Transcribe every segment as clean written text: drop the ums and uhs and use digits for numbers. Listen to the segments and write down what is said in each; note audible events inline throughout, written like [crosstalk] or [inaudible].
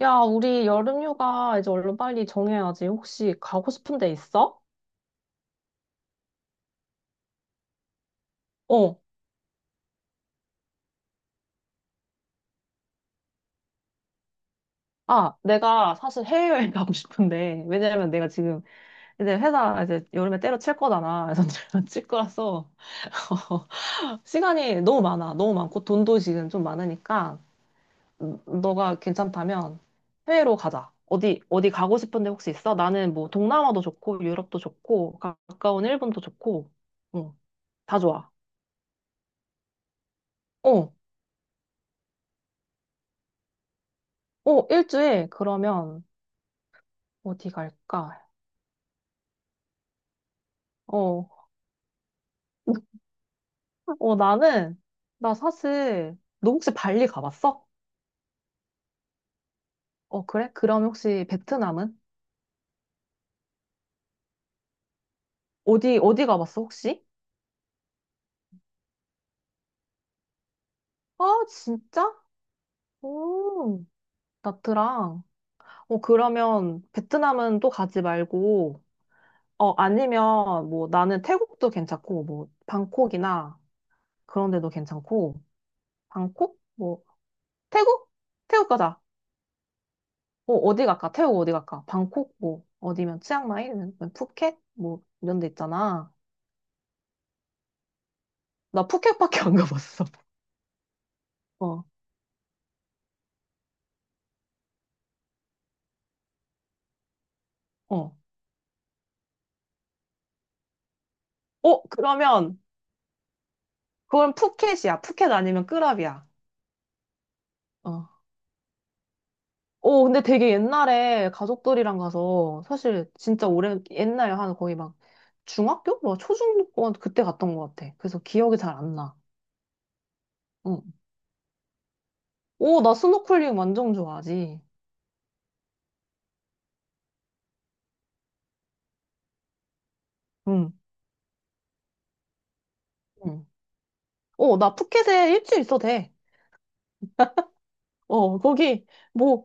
야, 우리 여름휴가 이제 얼른 빨리 정해야지. 혹시 가고 싶은 데 있어? 어. 아, 내가 사실 해외여행 [laughs] 가고 싶은데, 왜냐면 내가 지금 이제 회사 이제 여름에 때려칠 거잖아. 그래서 [laughs] 칠 거라서. [laughs] 시간이 너무 많아. 너무 많고, 돈도 지금 좀 많으니까, 너가 괜찮다면 해외로 가자. 어디 가고 싶은 데 혹시 있어? 나는 뭐 동남아도 좋고, 유럽도 좋고, 가까운 일본도 좋고, 응, 다 좋아. 어, 어, 일주일? 그러면, 어디 갈까? 어, [laughs] 어, 나는, 나 사실, 너 혹시 발리 가봤어? 어, 그래? 그럼 혹시 베트남은? 어디 가봤어, 혹시? 아, 진짜? 오, 나트랑. 어, 그러면 베트남은 또 가지 말고, 어, 아니면 뭐 나는 태국도 괜찮고, 뭐, 방콕이나 그런 데도 괜찮고, 방콕? 뭐, 태국? 태국 가자. 어, 어디 갈까? 태국 어디 갈까? 방콕 뭐 어디면 치앙마이 아니면 푸켓 뭐 이런 데 있잖아. 나 푸켓밖에 안 가봤어. [laughs] 어, 어. 어, 그러면 그건 푸켓이야. 푸켓 아니면 끄랍이야. 어. 어, 근데 되게 옛날에 가족들이랑 가서 사실 진짜 오래 옛날에 한 거의 막 중학교? 뭐 초중고 그때 갔던 것 같아. 그래서 기억이 잘 안 나. 응. 오, 나 스노클링 완전 좋아하지. 응. 응. 어, 나 푸켓에 일주일 있어도 돼. 어, 거기 뭐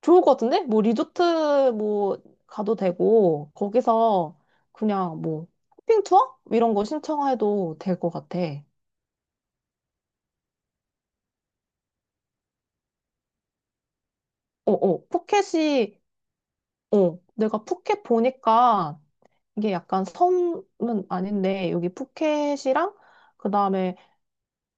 좋을 것 같은데? 뭐 리조트 뭐 가도 되고 거기서 그냥 뭐 쇼핑 투어 이런 거 신청해도 될 것 같아. 어. 푸켓이 어, 내가 푸켓 보니까 이게 약간 섬은 아닌데 여기 푸켓이랑 그다음에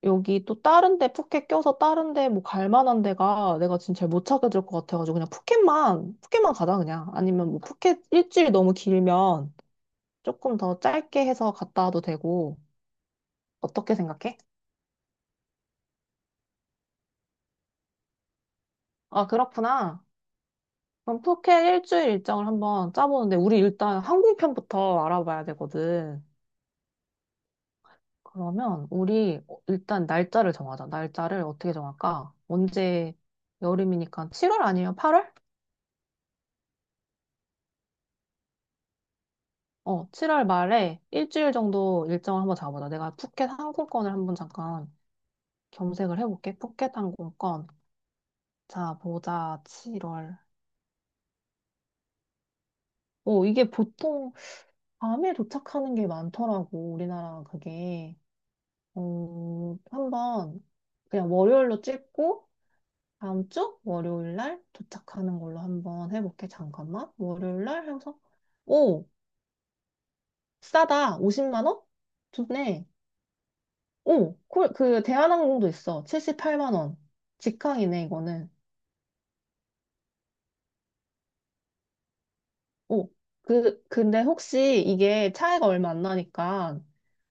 여기 또 다른 데 푸켓 껴서 다른 데 뭐 갈 만한 데가 내가 진짜 잘 못 찾게 될 것 같아가지고 그냥 푸켓만 가자. 그냥 아니면 뭐 푸켓 일주일 너무 길면 조금 더 짧게 해서 갔다 와도 되고 어떻게 생각해? 아, 그렇구나. 그럼 푸켓 일주일 일정을 한번 짜보는데, 우리 일단 항공편부터 알아봐야 되거든. 그러면 우리 일단 날짜를 정하자. 날짜를 어떻게 정할까? 언제 여름이니까 7월 아니면 8월? 어, 7월 말에 일주일 정도 일정을 한번 잡아보자. 내가 푸켓 항공권을 한번 잠깐 검색을 해볼게. 푸켓 항공권. 자, 보자. 7월. 오, 이게 보통 밤에 도착하는 게 많더라고, 우리나라 그게. 어, 한번 그냥 월요일로 찍고 다음 주 월요일 날 도착하는 걸로 한번 해볼게. 잠깐만. 월요일 날 해서 오 싸다. 50만 원? 좋네. 오, 콜, 그 대한항공도 있어. 78만 원. 직항이네 이거는. 오, 그 근데 혹시 이게 차이가 얼마 안 나니까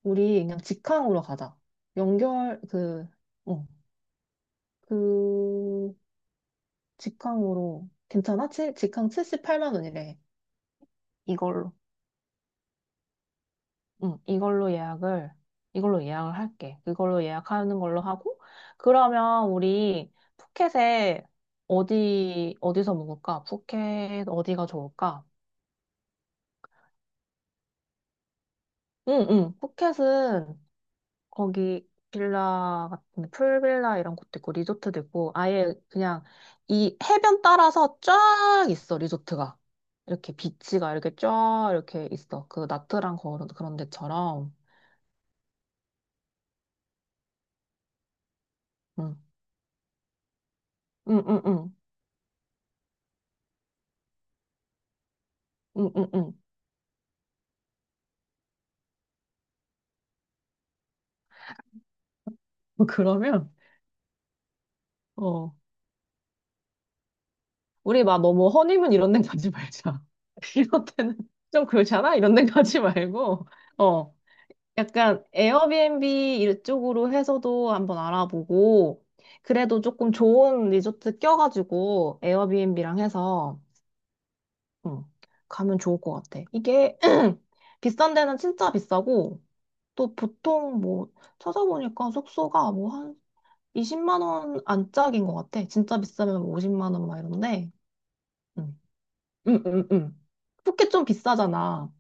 우리 그냥 직항으로 가자. 연결 그 어, 그 직항으로 괜찮아? 직항 78만 원이래. 이걸로, 응, 이걸로 예약을, 이걸로 예약을 할게. 이걸로 예약하는 걸로 하고, 그러면 우리 푸켓에 어디서 묵을까? 푸켓 어디가 좋을까? 응, 응, 푸켓은 거기 빌라 같은 풀빌라 이런 곳도 있고 리조트도 있고 아예 그냥 이 해변 따라서 쫙 있어 리조트가 이렇게 비치가 이렇게 쫙 이렇게 있어 그 나트랑 그런 데처럼 응응응응응응응 [laughs] 그러면 어 우리 막 너무 허니문 이런 데 가지 말자. [laughs] 이런 데는 좀 그렇잖아. 이런 데 가지 말고 어 약간 에어비앤비 이쪽으로 해서도 한번 알아보고, 그래도 조금 좋은 리조트 껴가지고, 에어비앤비랑 해서, 음, 가면 좋을 것 같아. 이게 [clears throat] 비싼 데는 진짜 비싸고, 또 보통 뭐, 찾아보니까 숙소가 뭐 한 20만 원 안짝인 것 같아. 진짜 비싸면 뭐 50만 원 막 이런데, 음, 음, 음, 음. 푸켓 좀 비싸잖아.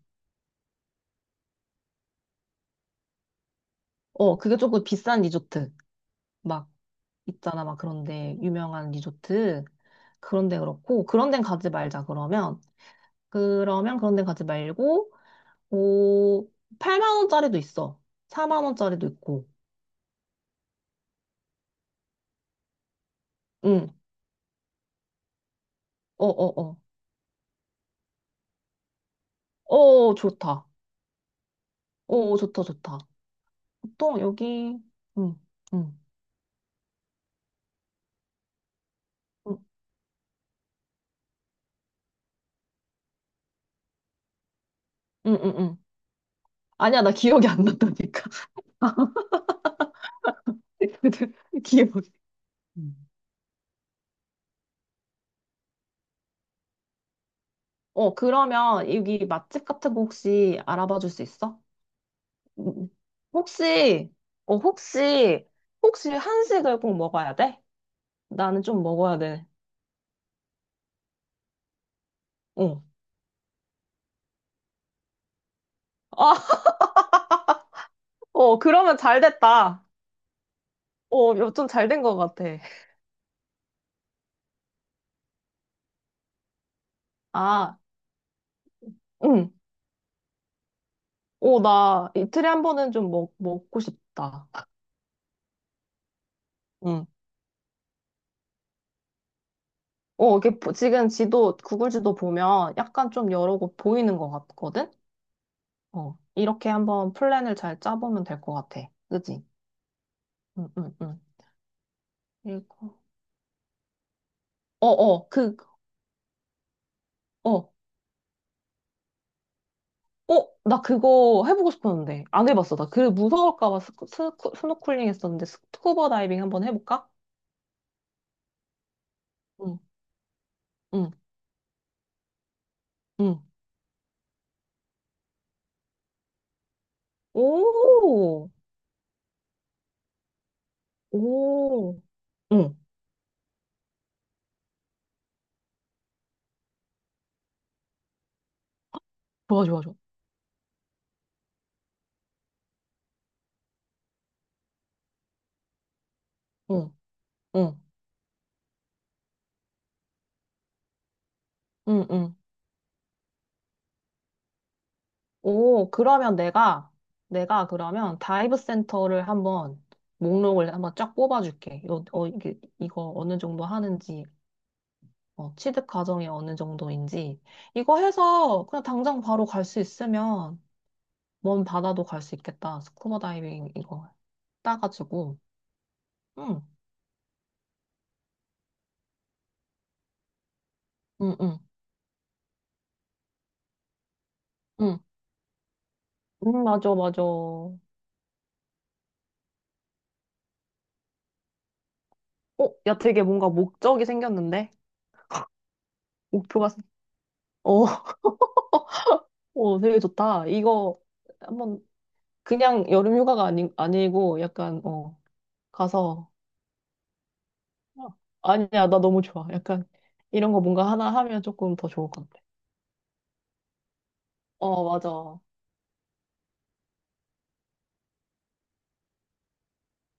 어, 그게 조금 비싼 리조트. 막 있잖아, 막 그런데 유명한 리조트 그런 데 그렇고 그런 데 가지 말자. 그러면 그러면 그런 데 가지 말고 오 8만 원짜리도 있어 4만 원짜리도 있고 응 어 어 어 어 좋다 어 좋다 좋다 보통 여기 응응응응응응 아니야 나 기억이 안 난다니까. [laughs] 기억이 응. 어 그러면 여기 맛집 같은 거 혹시 알아봐 줄 수 있어? 음, 혹시, 어, 혹시, 혹시 한식을 꼭 먹어야 돼? 나는 좀 먹어야 돼. 어. 아, [laughs] 어, 그러면 잘 됐다. 어, 좀 잘 된 것 같아. 아, 응. 어, 나 이틀에 한 번은 좀 먹고 싶다. 응. 어, 지금 지도, 구글 지도 보면 약간 좀 여러 곳 보이는 것 같거든? 어, 이렇게 한번 플랜을 잘 짜보면 될 것 같아. 그지? 응, 응, 응. 그리고, 어, 어. 어? 나 그거 해보고 싶었는데. 안 해봤어. 나 그 무서울까 봐 스노클링 했었는데 스쿠버 다이빙 한번 해볼까? 응, 응, 응. 오, 오. 응, 좋아, 좋아, 좋아. 응, 응, 응, 응. 오, 그러면 내가, 내가 그러면 다이브 센터를 한번 목록을 한번 쫙 뽑아줄게. 이거 어느 정도 하는지, 어, 취득 과정이 어느 정도인지. 이거 해서 그냥 당장 바로 갈 수 있으면 먼 바다도 갈 수 있겠다. 스쿠버 다이빙 이거 따가지고. 응, 응, 응, 응. 응, 맞아, 맞아. 어, 야, 되게 뭔가 목적이 생겼는데? 목표가, 생- 어, [laughs] 어, 되게 좋다. 이거 한번 그냥 여름 휴가가 아니, 아니고 약간, 어, 가서, 어, 아니야, 나 너무 좋아. 약간 이런 거 뭔가 하나 하면 조금 더 좋을 것 같아. 어, 맞아.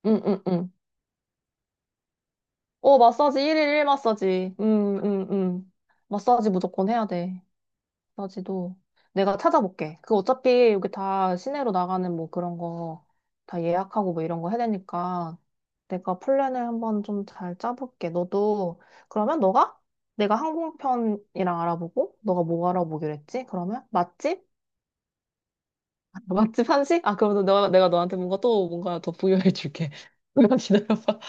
응, 응, 응. 어, 마사지 1일 1 마사지. 응, 응, 응. 마사지 무조건 해야 돼. 나 지도 내가 찾아볼게. 그 어차피 여기 다 시내로 나가는 뭐 그런 거 다 예약하고 뭐 이런 거 해야 되니까 내가 플랜을 한번 좀 잘 짜볼게. 너도 그러면 너가 내가 항공편이랑 알아보고 너가 뭐 알아보기로 했지? 그러면 맛집? [laughs] 맛집 한식? 아 그러면 내가 너한테 뭔가 또 뭔가 더 부여해 줄게. [laughs] 잠깐 기다려봐.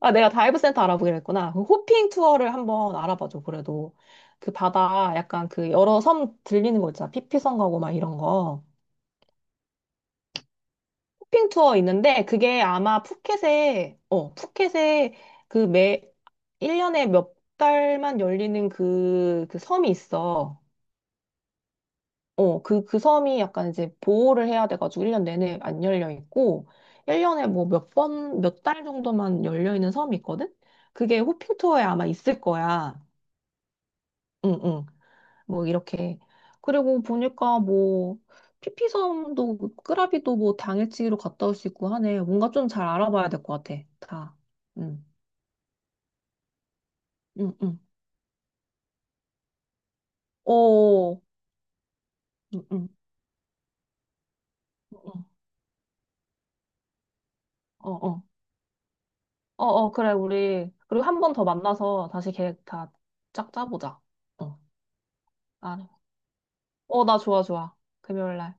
아, 내가 다이브 센터 알아보기로 했구나. 그 호핑 투어를 한번 알아봐줘, 그래도. 그 바다, 약간 그 여러 섬 들리는 거 있잖아. 피피섬 가고 막 이런 거. 호핑 투어 있는데, 그게 아마 푸켓에 그 매, 1년에 몇 달만 열리는 그 섬이 있어. 어, 그 섬이 약간 이제 보호를 해야 돼가지고 1년 내내 안 열려 있고, 1년에 뭐 몇 번, 몇 달 정도만 열려 있는 섬이 있거든? 그게 호핑 투어에 아마 있을 거야. 응응. 뭐 이렇게. 그리고 보니까 뭐 피피섬도 끄라비도 뭐 당일치기로 갔다 올 수 있고 하네. 뭔가 좀 잘 알아봐야 될 것 같아. 다. 응. 응, 응. 어. 응, 응. 응, 응. 어, 어. 어, 어, 그래, 우리. 그리고 한 번 더 만나서 다시 계획 다 짝 짜보자. 어. 알 어, 나 좋아, 좋아. 금요일 날.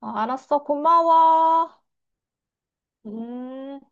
어, 알았어. 고마워. 음.